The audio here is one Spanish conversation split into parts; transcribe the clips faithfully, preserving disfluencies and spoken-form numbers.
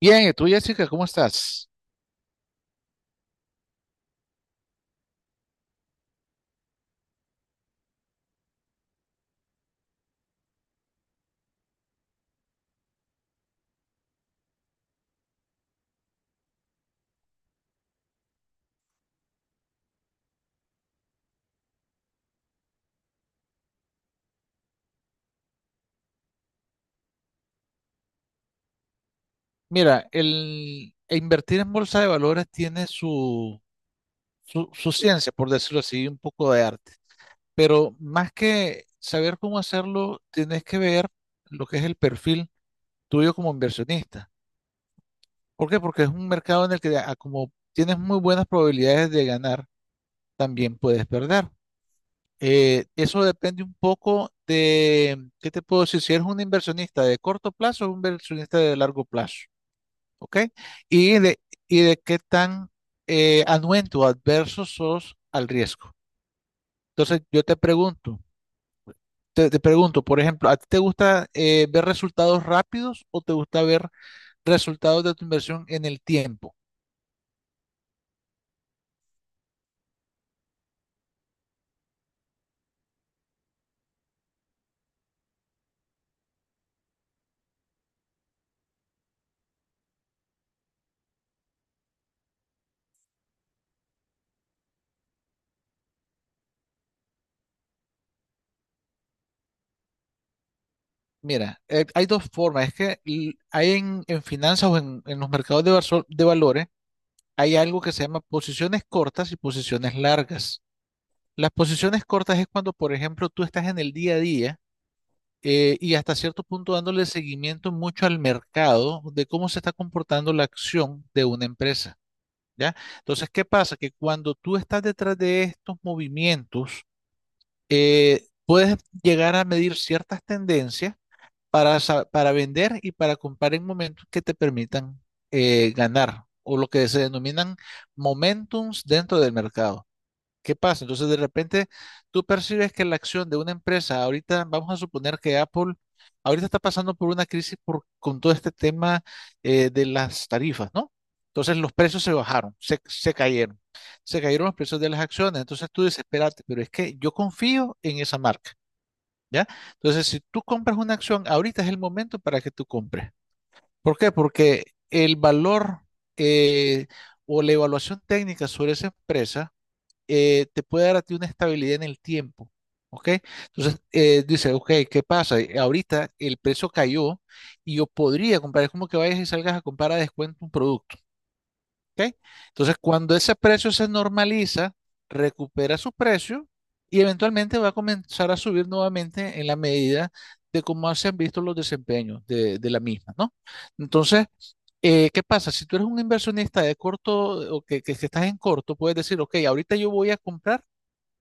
Bien, ¿y tú, Jessica, cómo estás? Mira, el e invertir en bolsa de valores tiene su, su, su ciencia, por decirlo así, un poco de arte. Pero más que saber cómo hacerlo, tienes que ver lo que es el perfil tuyo como inversionista. ¿Por qué? Porque es un mercado en el que, ah, ah, como tienes muy buenas probabilidades de ganar, también puedes perder. Eh, eso depende un poco de, ¿qué te puedo decir? Si eres un inversionista de corto plazo o un inversionista de largo plazo. ¿Ok? Y de, y de qué tan eh, anuente o adverso sos al riesgo. Entonces, yo te pregunto, te, te pregunto, por ejemplo, ¿a ti te gusta eh, ver resultados rápidos o te gusta ver resultados de tu inversión en el tiempo? Mira, eh, hay dos formas. Es que l- hay en, en finanzas o en, en los mercados de, varso- de valores, hay algo que se llama posiciones cortas y posiciones largas. Las posiciones cortas es cuando, por ejemplo, tú estás en el día a día eh, y hasta cierto punto dándole seguimiento mucho al mercado de cómo se está comportando la acción de una empresa, ¿ya? Entonces, ¿qué pasa? Que cuando tú estás detrás de estos movimientos, eh, puedes llegar a medir ciertas tendencias para, sa- para vender y para comprar en momentos que te permitan eh, ganar o lo que se denominan momentums dentro del mercado. ¿Qué pasa? Entonces, de repente, tú percibes que la acción de una empresa, ahorita vamos a suponer que Apple, ahorita está pasando por una crisis por, con todo este tema eh, de las tarifas, ¿no? Entonces, los precios se bajaron, se, se cayeron, se cayeron los precios de las acciones. Entonces, tú dices, espérate, pero es que yo confío en esa marca, ¿ya? Entonces, si tú compras una acción, ahorita es el momento para que tú compres. ¿Por qué? Porque el valor eh, o la evaluación técnica sobre esa empresa eh, te puede dar a ti una estabilidad en el tiempo. ¿Ok? Entonces, eh, dice, ok, ¿qué pasa? Eh, Ahorita el precio cayó y yo podría comprar. Es como que vayas y salgas a comprar a descuento un producto. ¿Ok? Entonces, cuando ese precio se normaliza, recupera su precio y eventualmente va a comenzar a subir nuevamente en la medida de cómo se han visto los desempeños de, de la misma, ¿no? Entonces, eh, ¿qué pasa? Si tú eres un inversionista de corto o que, que que estás en corto, puedes decir, ok, ahorita yo voy a comprar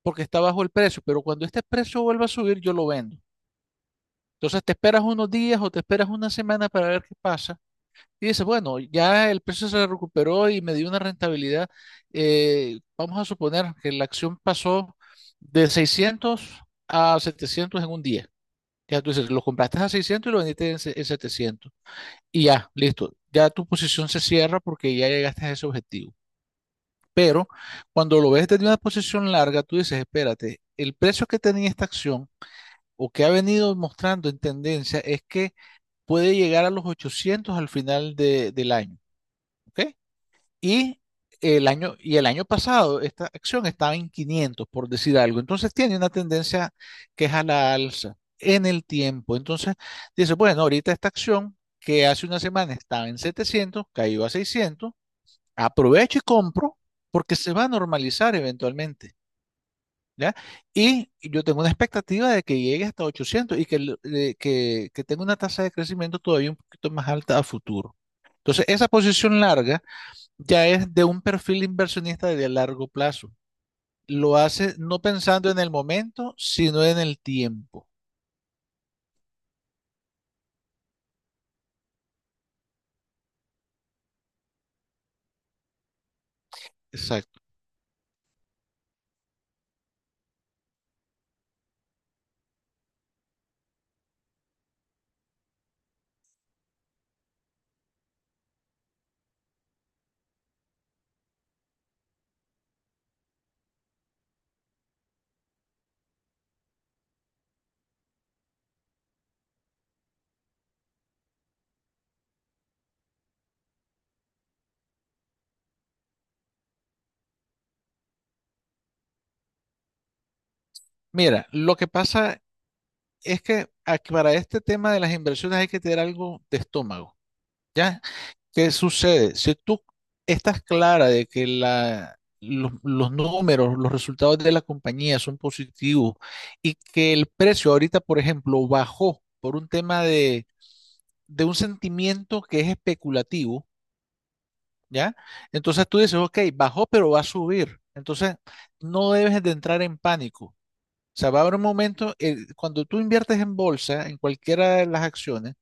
porque está bajo el precio, pero cuando este precio vuelva a subir, yo lo vendo. Entonces te esperas unos días o te esperas una semana para ver qué pasa. Y dices, bueno, ya el precio se recuperó y me dio una rentabilidad. eh, vamos a suponer que la acción pasó de seiscientos a setecientos en un día. Ya tú dices, lo compraste a seiscientos y lo vendiste en, se- en setecientos. Y ya, listo. Ya tu posición se cierra porque ya llegaste a ese objetivo. Pero cuando lo ves desde una posición larga, tú dices, espérate, el precio que tenía esta acción o que ha venido mostrando en tendencia es que puede llegar a los ochocientos al final de- del año, ¿ok? Y el año, y el año pasado esta acción estaba en quinientos, por decir algo. Entonces tiene una tendencia que es a la alza en el tiempo. Entonces dice, bueno, ahorita esta acción que hace una semana estaba en setecientos, cayó a seiscientos, aprovecho y compro porque se va a normalizar eventualmente. ¿Ya? Y yo tengo una expectativa de que llegue hasta ochocientos y que, el- de- que, que tenga una tasa de crecimiento todavía un poquito más alta a futuro. Entonces, esa posición larga ya es de un perfil inversionista de largo plazo. Lo hace no pensando en el momento, sino en el tiempo. Exacto. Mira, lo que pasa es que aquí para este tema de las inversiones hay que tener algo de estómago, ¿ya? ¿Qué sucede? Si tú estás clara de que la, los, los números, los resultados de la compañía son positivos y que el precio ahorita, por ejemplo, bajó por un tema de, de un sentimiento que es especulativo, ¿ya? Entonces tú dices, ok, bajó, pero va a subir. Entonces no debes de entrar en pánico. O sea, va a haber un momento, eh, cuando tú inviertes en bolsa, en cualquiera de las acciones,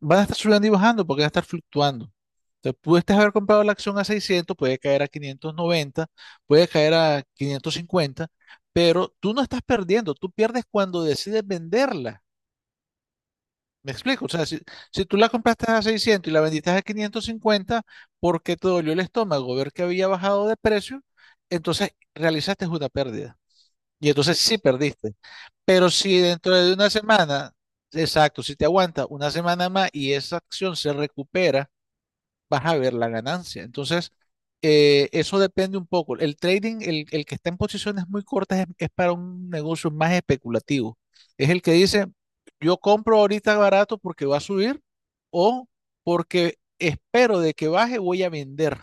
van a estar subiendo y bajando porque van a estar fluctuando. Entonces, pudiste haber comprado la acción a seiscientos, puede caer a quinientos noventa, puede caer a quinientos cincuenta, pero tú no estás perdiendo, tú pierdes cuando decides venderla. ¿Me explico? O sea, si, si tú la compraste a seiscientos y la vendiste a quinientos cincuenta porque te dolió el estómago ver que había bajado de precio, entonces realizaste una pérdida. Y entonces sí perdiste. Pero si dentro de una semana, exacto, si te aguanta una semana más y esa acción se recupera, vas a ver la ganancia. Entonces, eh, eso depende un poco. El trading, el, el que está en posiciones muy cortas es, es para un negocio más especulativo. Es el que dice, yo compro ahorita barato porque va a subir o porque espero de que baje, voy a vender.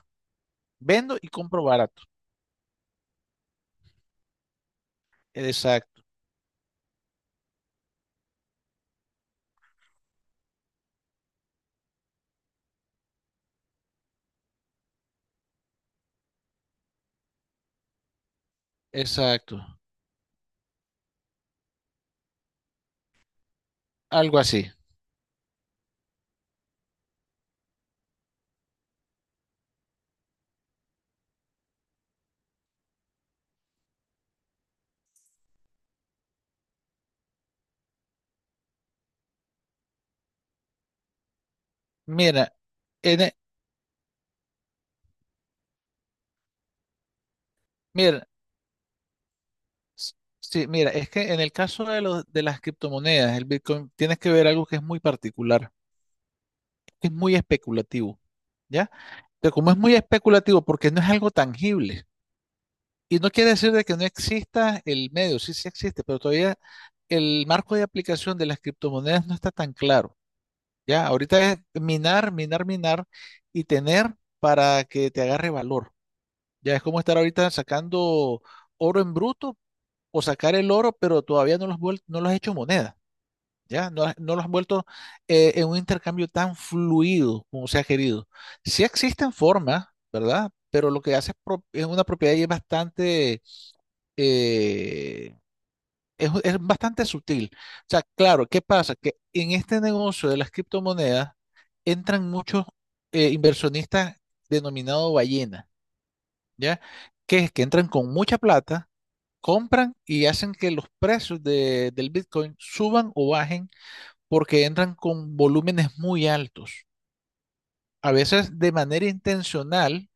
Vendo y compro barato. Exacto, exacto. Algo así. Mira, en e- mira, s- sí, mira, es que en el caso de los, de las criptomonedas, el Bitcoin, tienes que ver algo que es muy particular. Es muy especulativo, ¿ya? Pero como es muy especulativo porque no es algo tangible, y no quiere decir de que no exista el medio, sí, sí existe, pero todavía el marco de aplicación de las criptomonedas no está tan claro, ¿ya? Ahorita es minar, minar, minar y tener para que te agarre valor. Ya es como estar ahorita sacando oro en bruto o sacar el oro, pero todavía no lo has, vuel- no lo has hecho moneda. ¿Ya? No, no los han vuelto eh, en un intercambio tan fluido como se ha querido. Sí existen formas, ¿verdad? Pero lo que hace es, pro- es una propiedad y es bastante, eh, es, es bastante sutil. O sea, claro, ¿qué pasa? Que en este negocio de las criptomonedas entran muchos eh, inversionistas denominados ballena, ¿ya? Que es que entran con mucha plata, compran y hacen que los precios de- del Bitcoin suban o bajen porque entran con volúmenes muy altos. A veces de manera intencional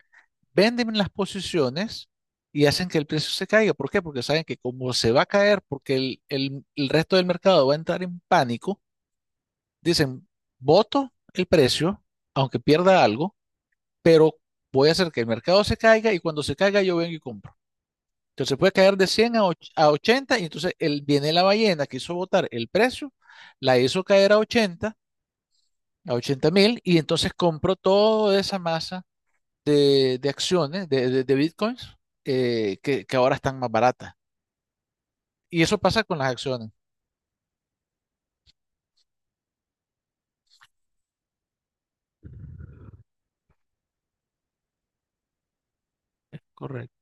venden las posiciones y hacen que el precio se caiga. ¿Por qué? Porque saben que como se va a caer, porque el, el- el resto del mercado va a entrar en pánico, dicen, voto el precio, aunque pierda algo, pero voy a hacer que el mercado se caiga y cuando se caiga yo vengo y compro. Entonces puede caer de cien a, och- a ochenta y entonces el, viene la ballena que hizo votar el precio, la hizo caer a ochenta a ochenta mil, y entonces compro toda esa masa de, de acciones, de, de- de bitcoins, eh, que, que ahora están más baratas. Y eso pasa con las acciones. Es correcto.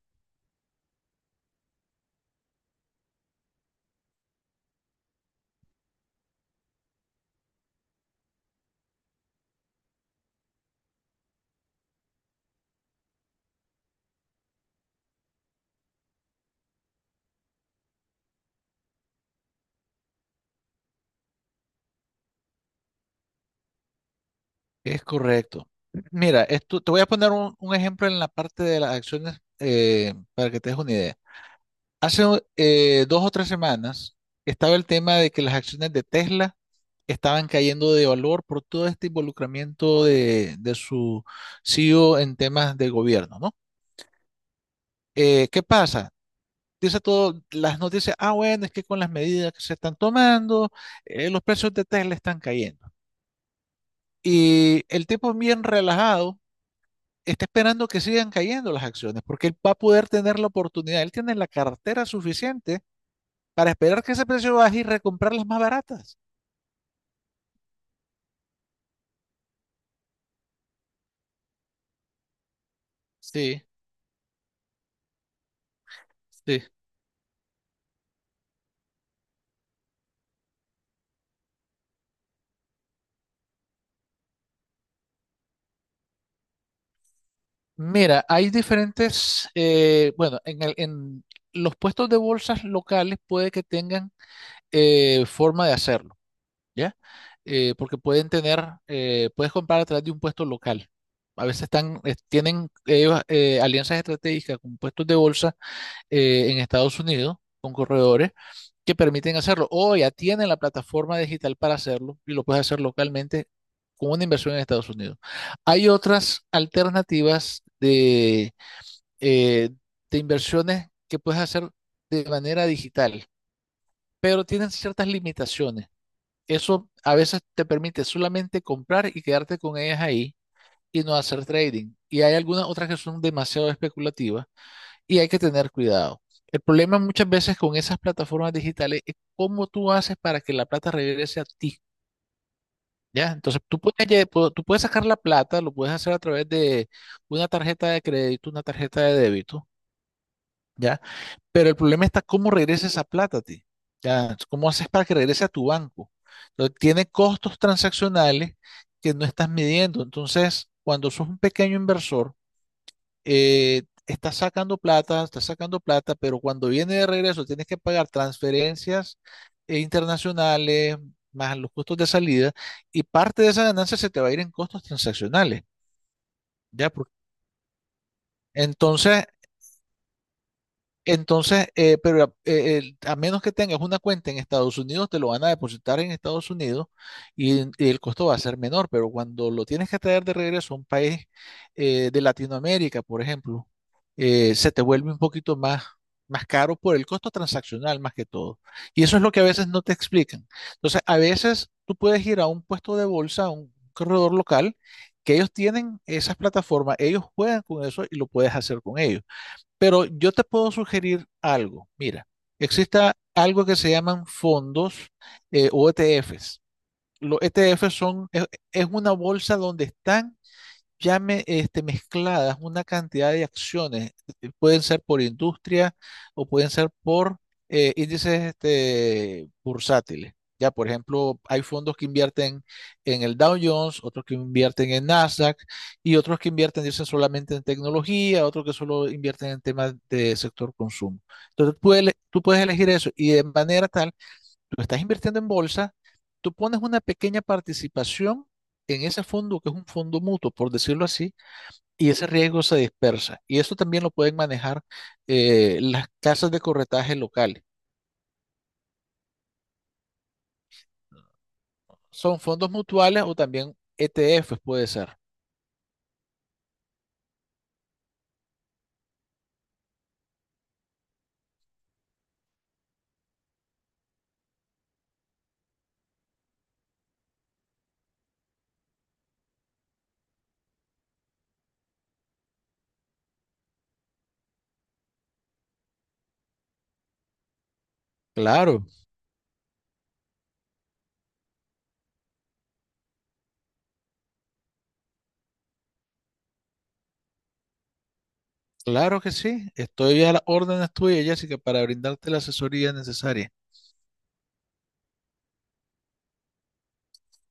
Es correcto. Mira, esto, te voy a poner un, un ejemplo en la parte de las acciones eh, para que te des una idea. Hace eh, dos o tres semanas estaba el tema de que las acciones de Tesla estaban cayendo de valor por todo este involucramiento de, de su C E O en temas de gobierno, ¿no? Eh, ¿qué pasa? Dice todo, las noticias, ah, bueno, es que con las medidas que se están tomando, eh, los precios de Tesla están cayendo. Y el tipo bien relajado está esperando que sigan cayendo las acciones, porque él va a poder tener la oportunidad, él tiene la cartera suficiente para esperar que ese precio baje y recomprar las más baratas. Sí, sí. Mira, hay diferentes, eh, bueno, en el- en los puestos de bolsas locales puede que tengan eh, forma de hacerlo. ¿Ya? Eh, porque pueden tener, eh, puedes comprar a través de un puesto local. A veces están, es- tienen ellos, eh, alianzas estratégicas con puestos de bolsa eh, en Estados Unidos, con corredores, que permiten hacerlo. O ya tienen la plataforma digital para hacerlo y lo puedes hacer localmente con una inversión en Estados Unidos. Hay otras alternativas de, eh, de inversiones que puedes hacer de manera digital, pero tienen ciertas limitaciones. Eso a veces te permite solamente comprar y quedarte con ellas ahí y no hacer trading. Y hay algunas otras que son demasiado especulativas y hay que tener cuidado. El problema muchas veces con esas plataformas digitales es cómo tú haces para que la plata regrese a ti. ¿Ya? Entonces tú puedes, lle- pu- tú puedes sacar la plata, lo puedes hacer a través de una tarjeta de crédito, una tarjeta de débito. ¿Ya? Pero el problema está cómo regresa esa plata a ti. Ya, ¿cómo haces para que regrese a tu banco? Entonces, tiene costos transaccionales que no estás midiendo. Entonces, cuando sos un pequeño inversor, eh, estás sacando plata, estás sacando plata, pero cuando viene de regreso tienes que pagar transferencias eh, internacionales, más los costos de salida, y parte de esa ganancia se te va a ir en costos transaccionales. ¿Ya? Por- Entonces, Entonces, eh, pero a eh, el- a menos que tengas una cuenta en Estados Unidos, te lo van a depositar en Estados Unidos y, en- y el costo va a ser menor, pero cuando lo tienes que traer de regreso a un país eh, de Latinoamérica, por ejemplo, eh, se te vuelve un poquito más, más caro por el costo transaccional más que todo. Y eso es lo que a veces no te explican. Entonces, a veces tú puedes ir a un puesto de bolsa, a un corredor local, que ellos tienen esas plataformas, ellos juegan con eso y lo puedes hacer con ellos. Pero yo te puedo sugerir algo. Mira, existe algo que se llaman fondos eh, o E T Efes. Los E T Efes son, es, es una bolsa donde están ya me, este, mezcladas una cantidad de acciones. eh, Pueden ser por industria o pueden ser por eh, índices este, bursátiles. Ya, por ejemplo, hay fondos que invierten en el Dow Jones, otros que invierten en Nasdaq y otros que invierten, dicen, solamente en tecnología, otros que solo invierten en temas de sector consumo. Entonces, tú puedes, tú puedes elegir eso y de manera tal tú estás invirtiendo en bolsa, tú pones una pequeña participación en ese fondo, que es un fondo mutuo, por decirlo así, y ese riesgo se dispersa. Y eso también lo pueden manejar eh, las casas de corretaje locales. Son fondos mutuales o también E T Efes puede ser. Claro, claro que sí. Estoy a las órdenes tuyas, Jessica, para brindarte la asesoría necesaria.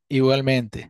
Igualmente.